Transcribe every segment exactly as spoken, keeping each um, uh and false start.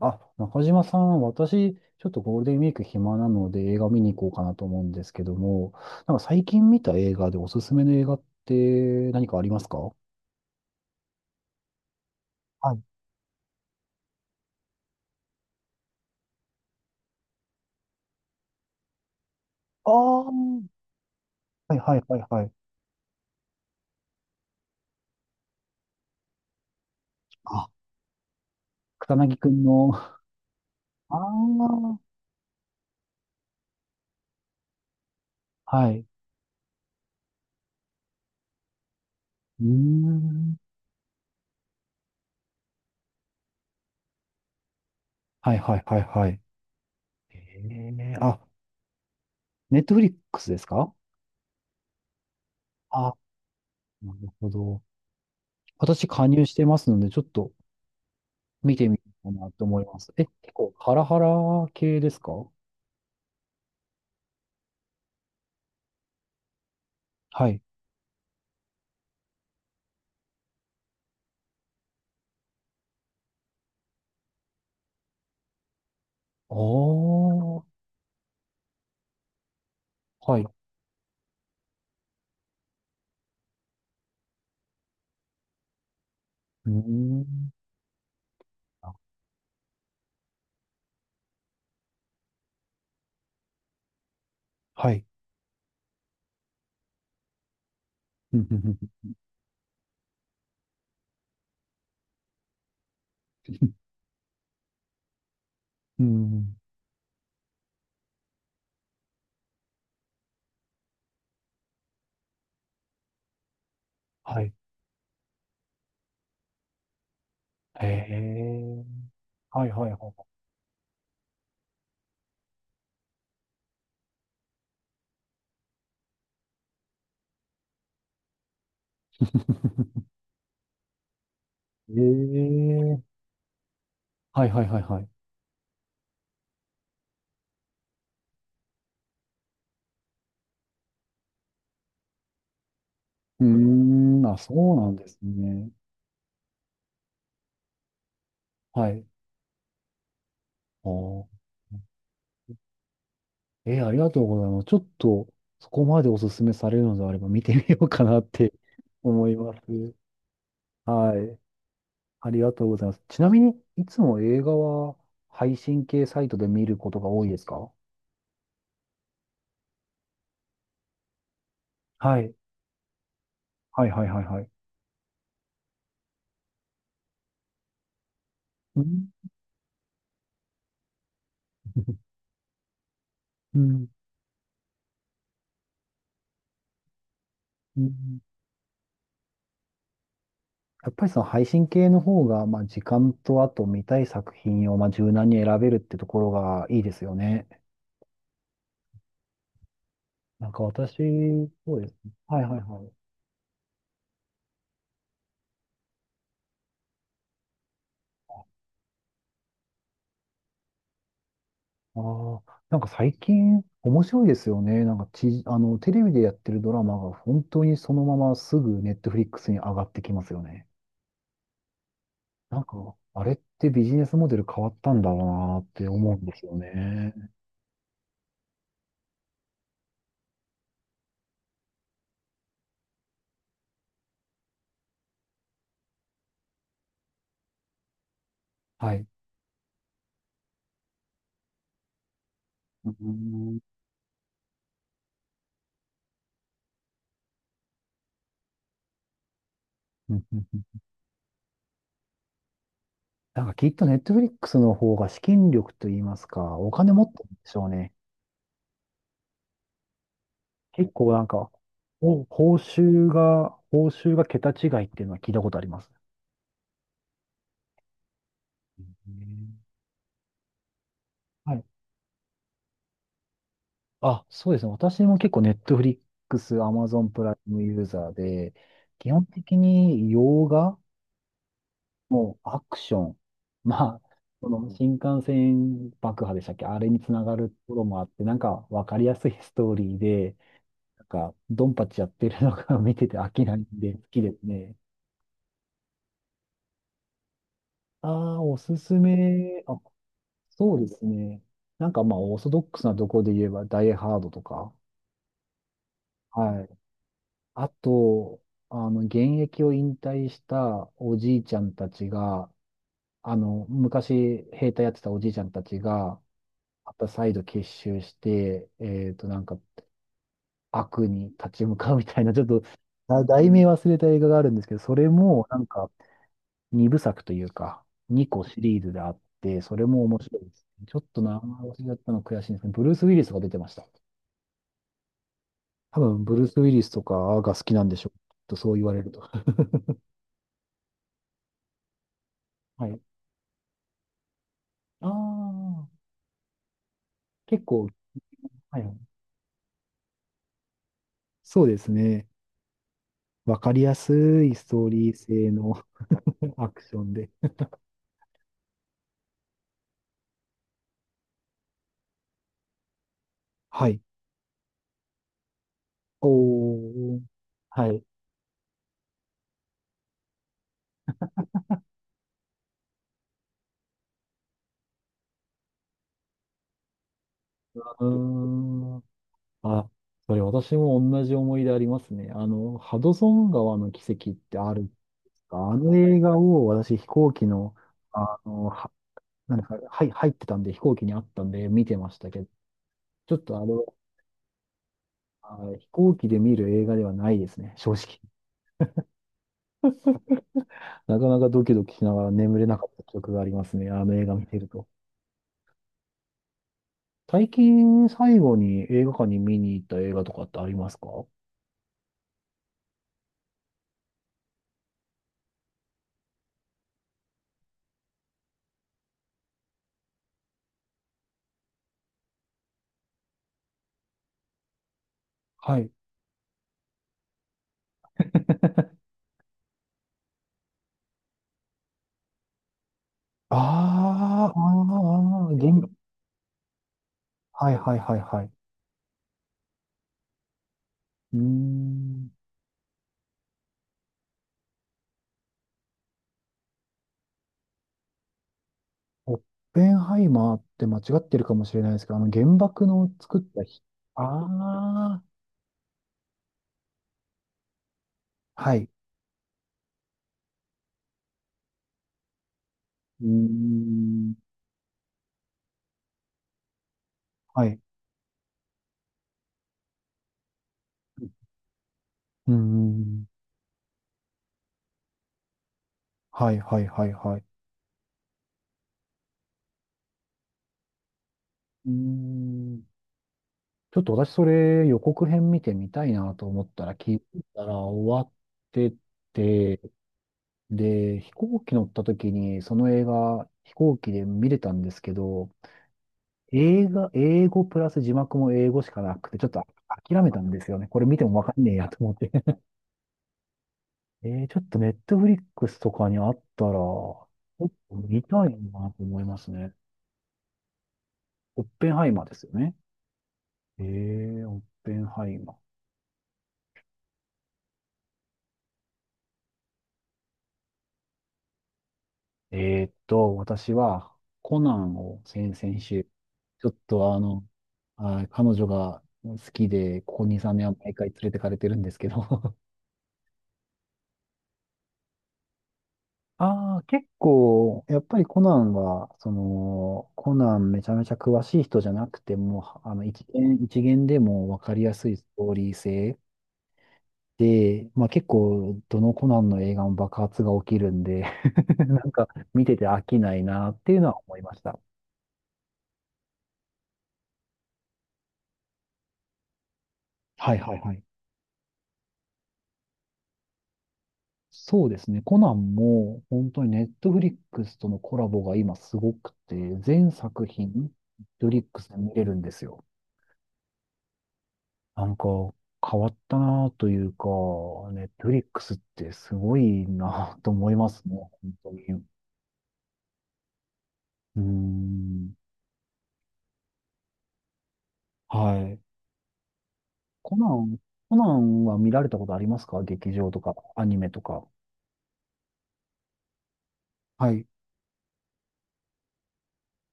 あ、中島さん、私、ちょっとゴールデンウィーク暇なので映画見に行こうかなと思うんですけども、なんか最近見た映画でおすすめの映画って何かありますか？はい。ああ、はいはいはいはい。あ、草薙くんの、ああ、はい。うーん。はいはいはいはい。えー、あ、ネットフリックスですか？あ、なるほど。私加入してますので、ちょっと見てみようかなと思います。え、結構ハラハラ系ですか？はい。おー。はい。うーん。あ、はい。うん、うん、うん。うん。はい。へえ。はい、はい、はい。ええ。はい、はい、はい、はい。うーん。あ、そうなんですね。はい。あー、えー、ありがとうございます。ちょっと、そこまでおすすめされるのであれば見てみようかなって 思います。はい。ありがとうございます。ちなみに、いつも映画は配信系サイトで見ることが多いですか？はい。はいはいはいはい。うん。うん。うん。やっぱりその配信系の方が、まあ時間とあと見たい作品をまあ柔軟に選べるってところがいいですよね。なんか私、そうですね。はいはいはい。ああ、なんか最近面白いですよね。なんかち、あの、テレビでやってるドラマが本当にそのまますぐネットフリックスに上がってきますよね。なんか、あれってビジネスモデル変わったんだろうなって思うんですよね。はい。うんうんうん。なんかきっとネットフリックスの方が資金力といいますか、お金持ってるんでしょうね。結構なんか、お報酬が、報酬が桁違いっていうのは聞いたことあります。うん。はい。あ、そうですね。私も結構ネットフリックス、アマゾンプライムユーザーで、基本的に洋画、もうアクション、まあ、その新幹線爆破でしたっけ？あれにつながるところもあって、なんかわかりやすいストーリーで、なんか、ドンパチやってるのが 見てて飽きないんで、好きですね。ああ、おすすめ。あ、そうですね。なんかまあ、オーソドックスなところで言えば、ダイハードとか。はい。あと、あの、現役を引退したおじいちゃんたちが、あの、昔兵隊やってたおじいちゃんたちが、また再度結集して、えっと、なんか、悪に立ち向かうみたいな、ちょっと、あ題名忘れた映画があるんですけど、それも、なんか、二部作というか、二個シリーズであって、それも面白いですね。ちょっと名前忘れちゃったの悔しいんですね。ブルース・ウィリスが出てました。多分、ブルース・ウィリスとかが好きなんでしょう。とそう言われると。はい。ああ、結構、はいはい。そうですね。わかりやすいストーリー性の アクションで。はい。おー。はい。うーん。あ、それ私も同じ思い出ありますね。あの、ハドソン川の奇跡ってあるあの映画を私飛行機の、あの、は、なんですか、はい、入ってたんで飛行機にあったんで見てましたけど、ちょっとあれは、あ飛行機で見る映画ではないですね、正直。なかなかドキドキしながら眠れなかった記憶がありますね、あの映画見てると。最近最後に映画館に見に行った映画とかってありますか？はい。ああ、あー、あー、あ、はいはいはいはい。うーん。オッペンハイマーって間違ってるかもしれないですけど、あの原爆の作った日。ああ、はい。うーん、はい。うーん、はい、はい、はい、はい。うーん、ちょっと私それ予告編見てみたいなと思ったら聞いたら終わってて、で、飛行機乗った時にその映画飛行機で見れたんですけど、映画、英語プラス字幕も英語しかなくて、ちょっと諦めたんですよね。これ見てもわかんねえやと思って。えー、ちょっとネットフリックスとかにあったら、ちょっと見たいなと思いますね。オッペンハイマーですよね。えー、オッペンハイマー。えーっと、私はコナンを先々週、ちょっとあの、あー、彼女が好きで、ここに、さんねんは毎回連れてかれてるんですけど ああ、結構、やっぱりコナンは、その、コナンめちゃめちゃ詳しい人じゃなくても、あの、一見、一見でも分かりやすいストーリー性、で、まあ結構、どのコナンの映画も爆発が起きるんで なんか見てて飽きないなっていうのは思いました。はいはいはい。そうですね。コナンも本当にネットフリックスとのコラボが今すごくて、全作品、ネットフリックスで見れるんですよ。なんか変わったなというか、ネットフリックスってすごいなと思いますね。本当に。うーん。はい。コナン、コナンは見られたことありますか？劇場とか、アニメとか。はい。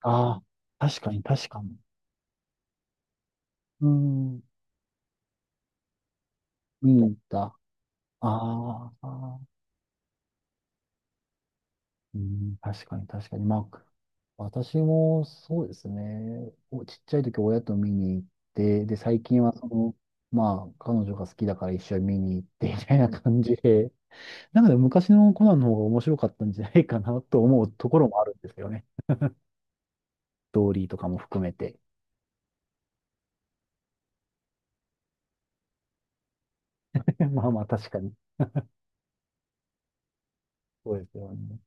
ああー、確かに、確かに。うん、見に行った。あーあー、うん、確かに、確かに。まあ、私もそうですね。おちっちゃい時親と見に行って、で、最近はその、まあ、彼女が好きだから一緒に見に行って、みたいな感じで、なんかでも昔のコナンの方が面白かったんじゃないかなと思うところもあるんですよね。ストーリーとかも含めて。まあまあ、確かに。そうですよね。